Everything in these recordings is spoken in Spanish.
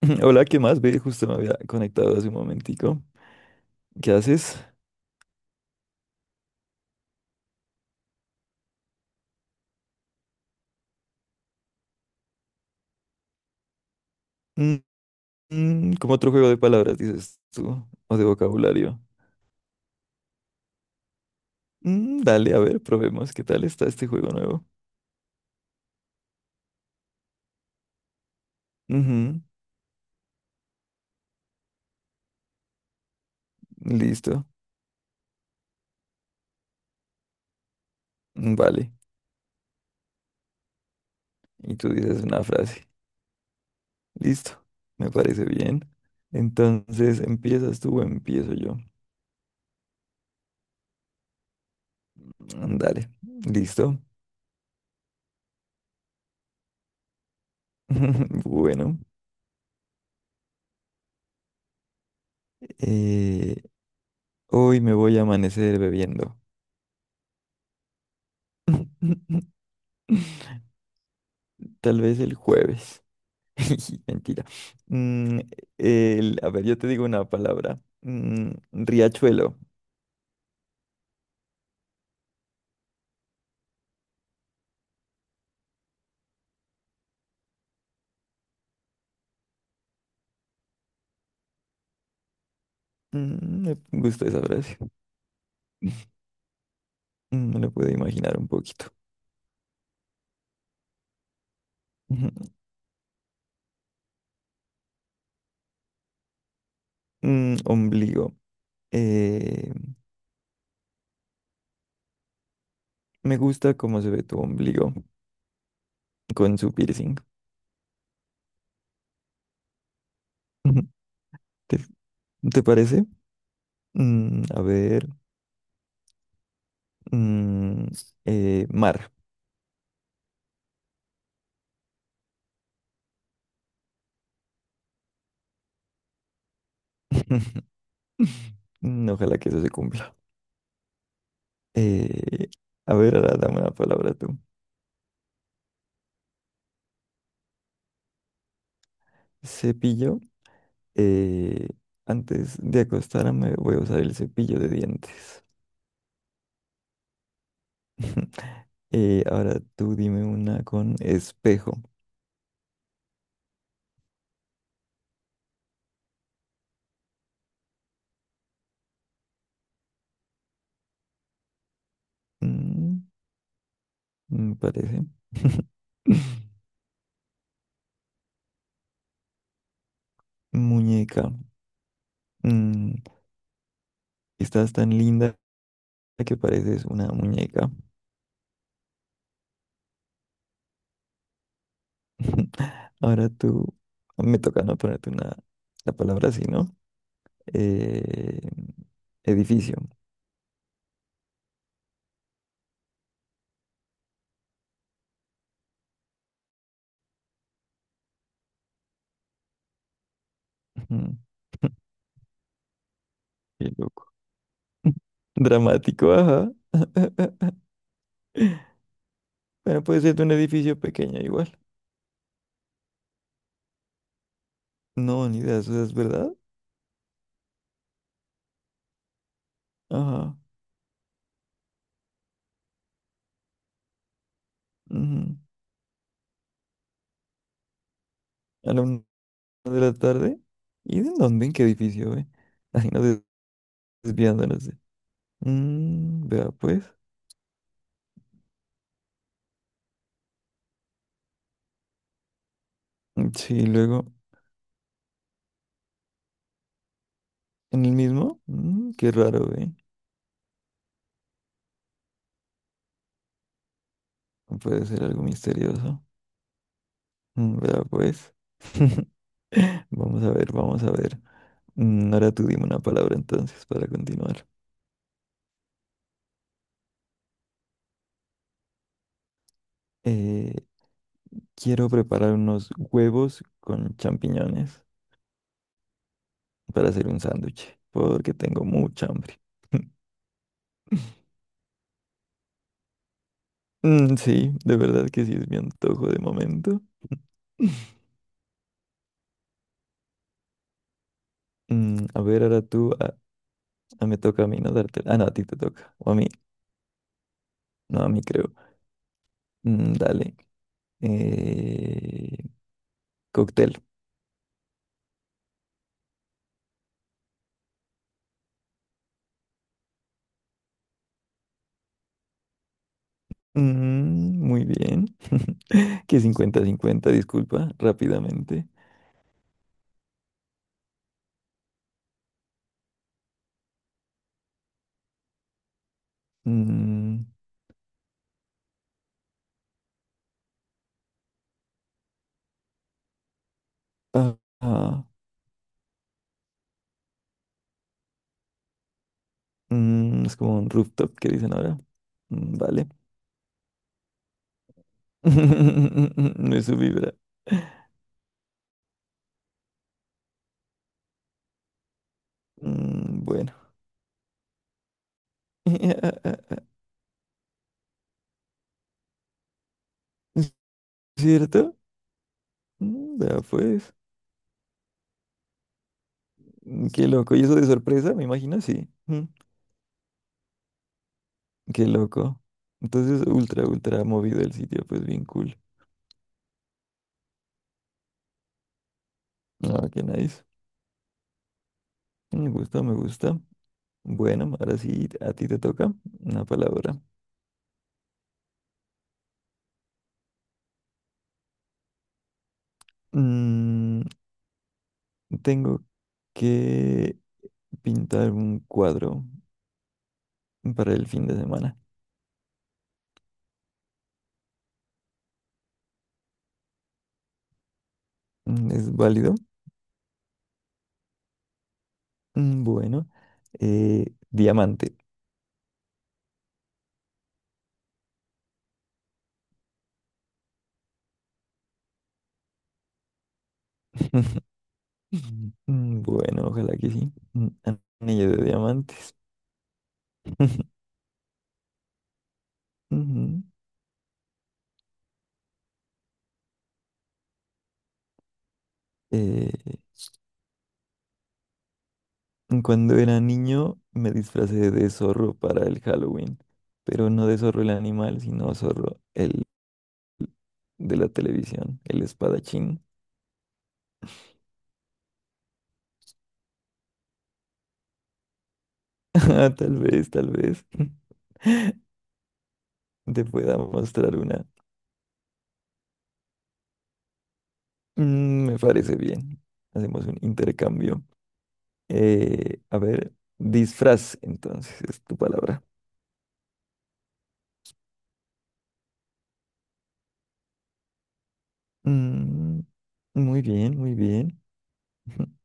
Hola, ¿qué más? Ve, justo me había conectado hace un momentico. ¿Qué haces? Mm, como otro juego de palabras, dices tú, o de vocabulario. Dale, a ver, probemos qué tal está este juego nuevo. Ujú, listo, vale. Y tú dices una frase. Listo, me parece bien. Entonces, ¿empiezas tú o empiezo yo? Dale, listo. Bueno, eh, hoy me voy a amanecer bebiendo. Tal vez el jueves. Mentira. Mm, a ver, yo te digo una palabra. Riachuelo. Me gusta esa frase. Me lo puedo imaginar un poquito. Ujú. Ombligo. Eh, Me gusta cómo se ve tu ombligo con su piercing. Ujú. ¿Te, ¿Te parece? A ver. Mm, Mar. Ojalá que eso se cumpla. Eh, a ver, ahora dame una palabra tú. Cepillo. Eh, Antes de acostarme voy a usar el cepillo de dientes. Ahora tú dime una con espejo. Mm, Me parece. Muñeca. Mm, Estás tan linda que pareces una muñeca. Ahora tú, me toca no ponerte una, la palabra así, ¿no? Eh, Edificio. Ujú. Qué loco. Dramático, ajá. Bueno, puede ser de un edificio pequeño igual. No, ni idea, eso es verdad. Ajá. Ujú. A la una de la tarde. ¿Y de dónde? ¿En qué edificio, Así nos desviándonos. Mm, vea, pues. Mm, sí, luego. ¿En el mismo? Mm, qué raro, eh. Puede ser algo misterioso. Mm, vea, pues. Vamos a ver, vamos a ver. Ahora tú dime una palabra entonces para continuar. Eh, Quiero preparar unos huevos con champiñones, para hacer un sándwich, porque tengo mucha hambre. Sí, de verdad que sí es mi antojo de momento. A ver, ahora tú, me toca a mí, ¿no? Darte. Ah, no, a ti te toca. O a mí. No, a mí creo. Dale. Eh, Cóctel. Mm, muy bien. Que cincuenta cincuenta disculpa, rápidamente. Mm, ah, ah, es como un rooftop que dicen ahora. Mm, vale. No es su vibra. Mm, bueno. ¿Cierto? Mm, vea pues. Mm, qué loco. ¿Y eso de sorpresa? Me imagino, sí. Mm, qué loco. Entonces, ultra, ultra movido el sitio, pues bien cool. Ah, qué nice. Me gusta, me gusta. Bueno, ahora sí, a ti te toca una palabra. Mm, Tengo que pintar un cuadro para el fin de semana. Mm, ¿es válido? Mm, bueno, diamante. Mm, bueno, ojalá que sí. Un anillo de diamantes. Ujú. Eh, Cuando era niño me disfracé de zorro para el Halloween, pero no de zorro el animal, sino zorro el de la televisión, el espadachín. Ah, tal vez, tal vez te pueda mostrar una. Mm, me parece bien. Hacemos un intercambio. A ver, disfraz, entonces, es tu palabra. Mm, muy bien, muy bien.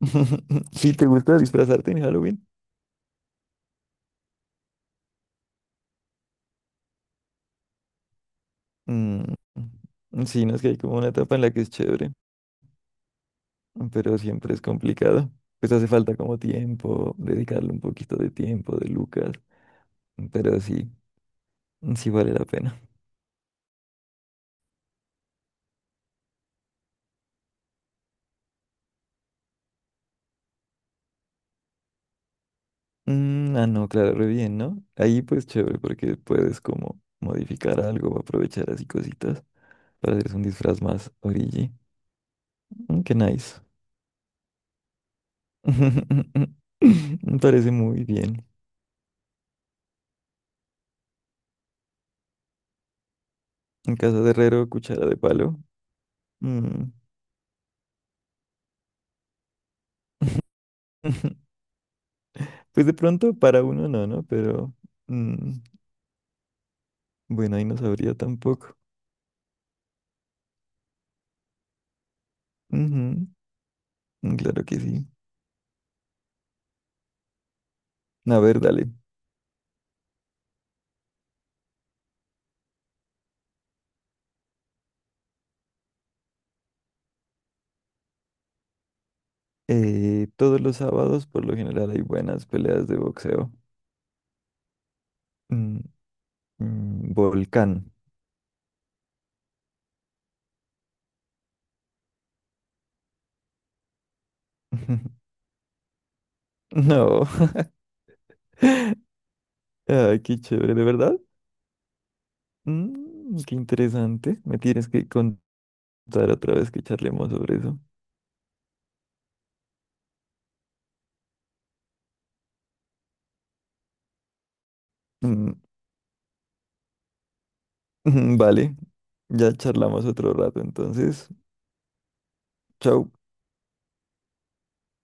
Si te gusta disfrazarte en Halloween, mm, sí, no es que hay como una etapa en la que es chévere, pero siempre es complicado. Pues hace falta como tiempo, dedicarle un poquito de tiempo, de lucas, pero sí, sí vale la pena. Mm, ah, no, claro, re bien, ¿no? Ahí pues chévere porque puedes como modificar algo, aprovechar así cositas para hacer un disfraz más origi. Mm, qué nice. Me parece muy bien. En casa de herrero, cuchara de palo. Mm, pues de pronto para uno no, ¿no? Pero mm, bueno, ahí no sabría tampoco. Ujú, claro que sí. A ver, dale. Todos los sábados por lo general hay buenas peleas de boxeo. Mm, Volcán. No. Ay, qué chévere, ¿de verdad? Mm, qué interesante. Me tienes que contar otra vez que charlemos sobre eso. Mm, vale, ya charlamos otro rato, entonces. Chao.